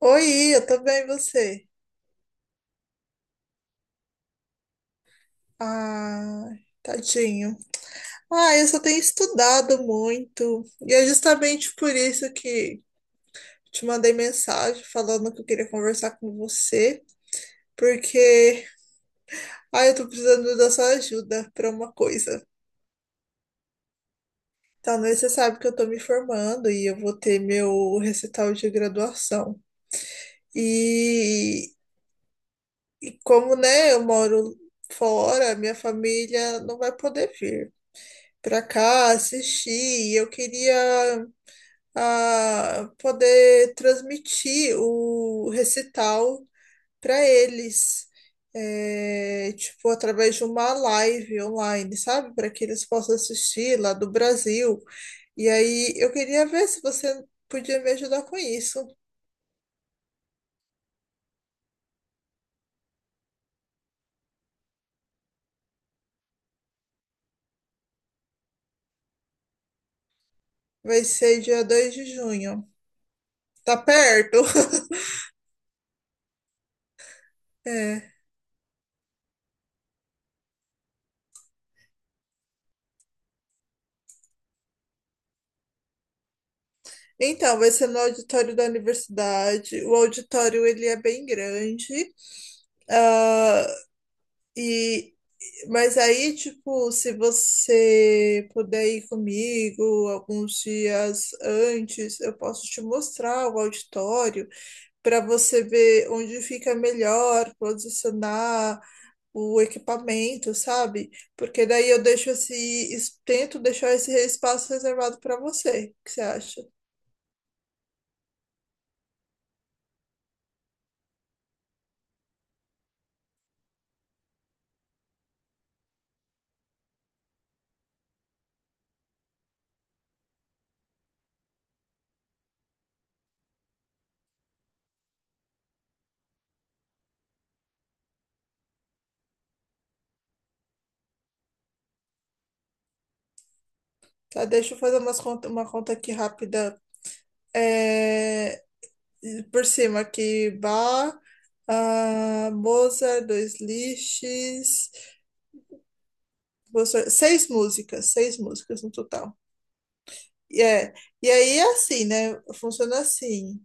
Oi, eu tô bem, e você? Ah, tadinho. Eu só tenho estudado muito. E é justamente por isso que te mandei mensagem falando que eu queria conversar com você, porque eu tô precisando da sua ajuda para uma coisa. Então, né, você sabe que eu tô me formando e eu vou ter meu recital de graduação. E, e como, né, eu moro fora, minha família não vai poder vir pra cá assistir. Eu queria poder transmitir o recital para eles, é, tipo, através de uma live online, sabe? Para que eles possam assistir lá do Brasil. E aí eu queria ver se você podia me ajudar com isso. Vai ser dia 2 de junho. Tá perto? É. Então, vai ser no auditório da universidade. O auditório ele é bem grande. Ah, e, mas aí, tipo, se você puder ir comigo alguns dias antes, eu posso te mostrar o auditório para você ver onde fica melhor posicionar o equipamento, sabe? Porque daí eu deixo esse, es- tento deixar esse espaço reservado para você. O que você acha? Tá, deixa eu fazer umas conta, uma conta aqui rápida. É, E por cima aqui, Mozart, dois lixes, seis músicas no total. E É, e aí é assim, né? Funciona assim.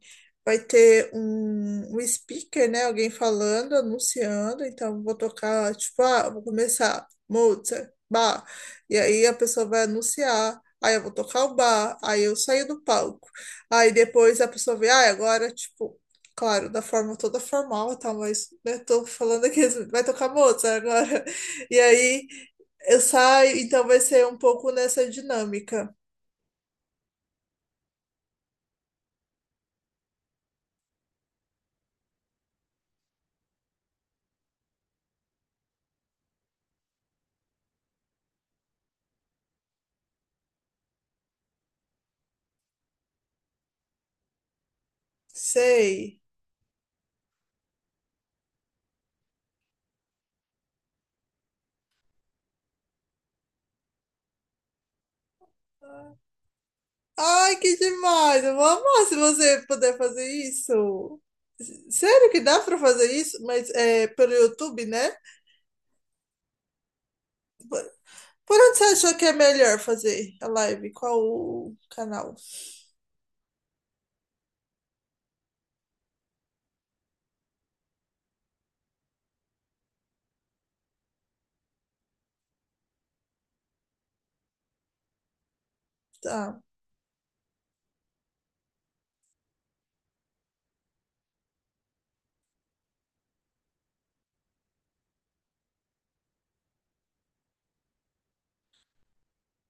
Vai ter um speaker, né? Alguém falando, anunciando. Então, vou tocar, tipo, vou começar Mozart, Bach. E aí a pessoa vai anunciar. Aí eu vou tocar o bar, aí eu saio do palco. Aí depois a pessoa vê, ah, agora, tipo, claro, da forma toda formal e tal, mas né, tô falando aqui, vai tocar Mozart agora. E aí eu saio, então vai ser um pouco nessa dinâmica. Sei. Ai, que demais! Eu vou amar se você puder fazer isso. Sério que dá pra fazer isso? Mas é pelo YouTube, né? Por por onde você achou que é melhor fazer a live? Qual o canal? Tá.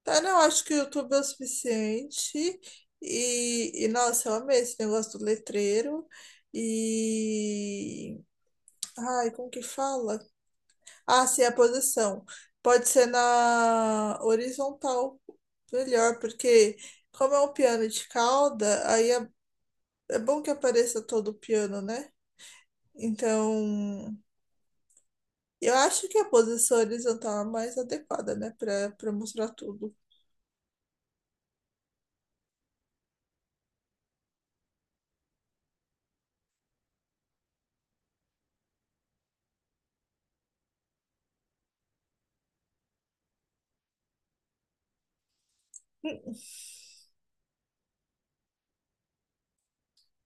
Tá, não, acho que o YouTube é o suficiente. E, nossa, eu amei esse negócio do letreiro. E. Ai, como que fala? Ah, sim, a posição. Pode ser na horizontal, melhor, porque como é um piano de cauda, é bom que apareça todo o piano, né? Então, eu acho que a posição horizontal é a mais adequada, né, para mostrar tudo.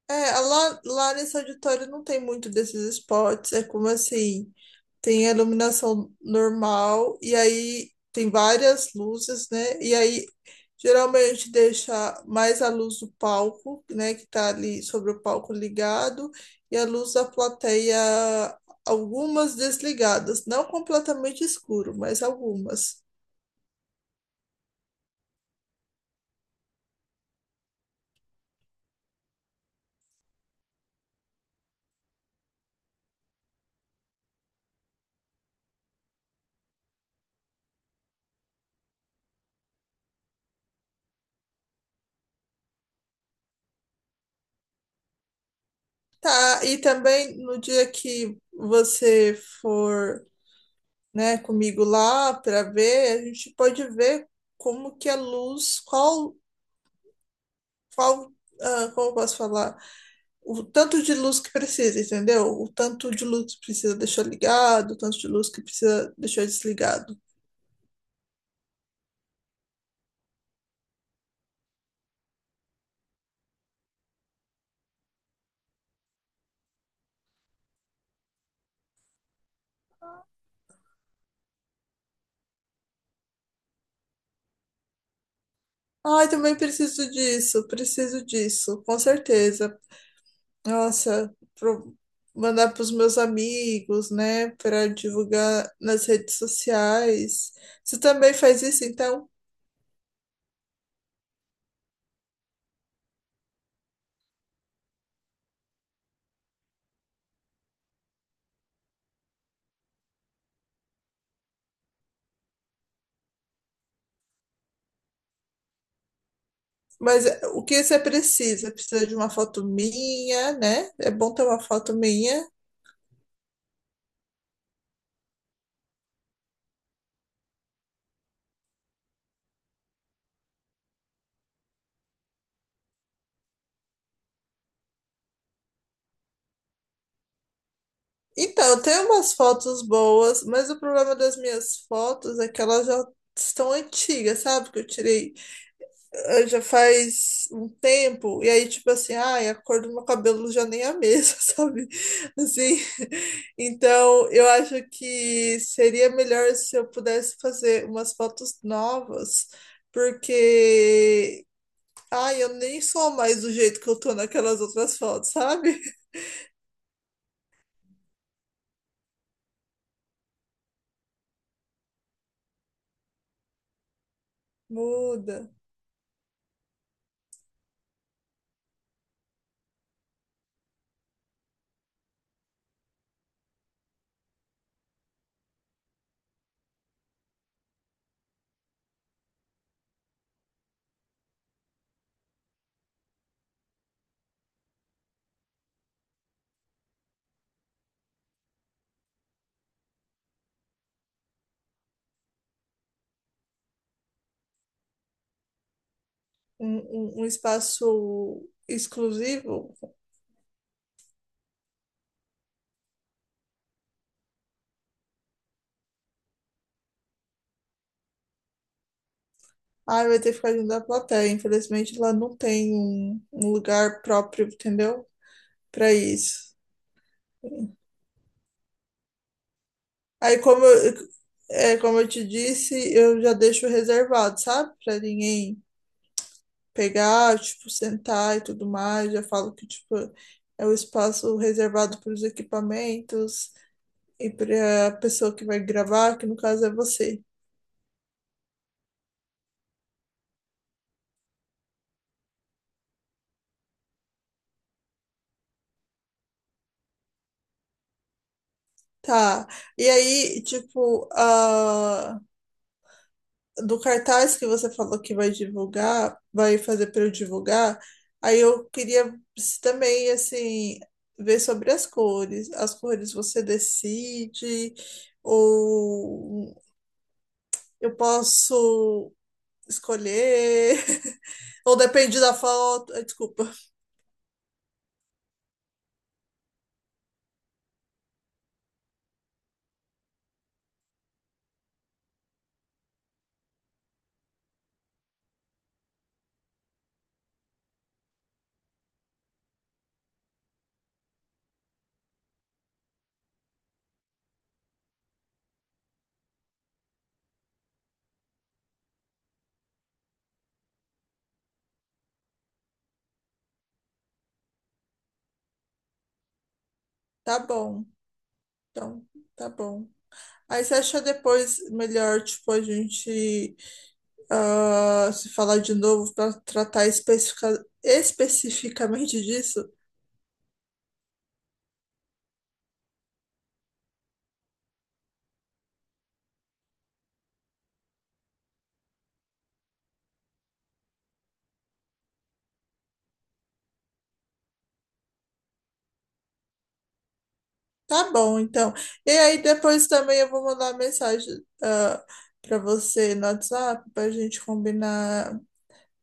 É, lá nesse auditório não tem muito desses spots, é como assim, tem a iluminação normal e aí tem várias luzes, né? E aí geralmente deixa mais a luz do palco, né, que tá ali sobre o palco ligado, e a luz da plateia, algumas desligadas, não completamente escuro, mas algumas. Tá, e também no dia que você for, né, comigo lá para ver, a gente pode ver como que a luz, qual, como eu posso falar, o tanto de luz que precisa, entendeu? O tanto de luz que precisa deixar ligado, o tanto de luz que precisa deixar desligado. Ai, também preciso disso, com certeza. Nossa, pro, mandar para os meus amigos, né, para divulgar nas redes sociais. Você também faz isso, então? Mas o que você precisa? Precisa de uma foto minha, né? É bom ter uma foto minha. Então, eu tenho umas fotos boas, mas o problema das minhas fotos é que elas já estão antigas, sabe? Que eu tirei já faz um tempo, e aí, tipo assim, ai, a cor do meu cabelo já nem é a mesma, sabe? Assim, então eu acho que seria melhor se eu pudesse fazer umas fotos novas, porque ai, eu nem sou mais do jeito que eu tô naquelas outras fotos, sabe? Muda. Um, um espaço exclusivo. Ai, vai ter que ficar junto da plateia. Infelizmente, lá não tem um lugar próprio, entendeu? Pra isso. Aí, como eu, é, como eu te disse, eu já deixo reservado, sabe? Pra ninguém pegar, tipo, sentar e tudo mais. Já falo que, tipo, é o espaço reservado para os equipamentos e para a pessoa que vai gravar, que no caso é você. Tá. E aí, tipo, a do cartaz que você falou que vai divulgar, vai fazer para eu divulgar, aí eu queria também, assim, ver sobre as cores. As cores você decide, ou eu posso escolher, ou depende da foto. Ah, desculpa. Tá bom. Então, tá bom. Aí você acha depois melhor, tipo, a gente se falar de novo para tratar especificamente disso? Tá bom, então. E aí depois também eu vou mandar uma mensagem para você no WhatsApp para a gente combinar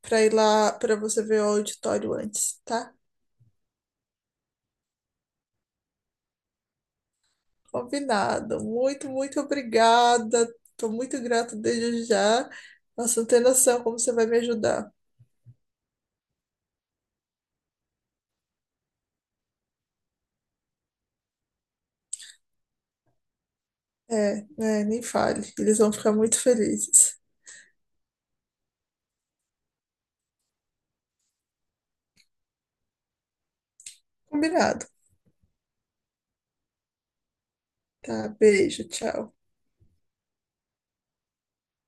para ir lá para você ver o auditório antes, tá? Combinado. Muito, muito obrigada. Tô muito grata desde já. Nossa, não tem noção como você vai me ajudar. É, né, nem fale. Eles vão ficar muito felizes. Combinado. Tá, beijo, tchau.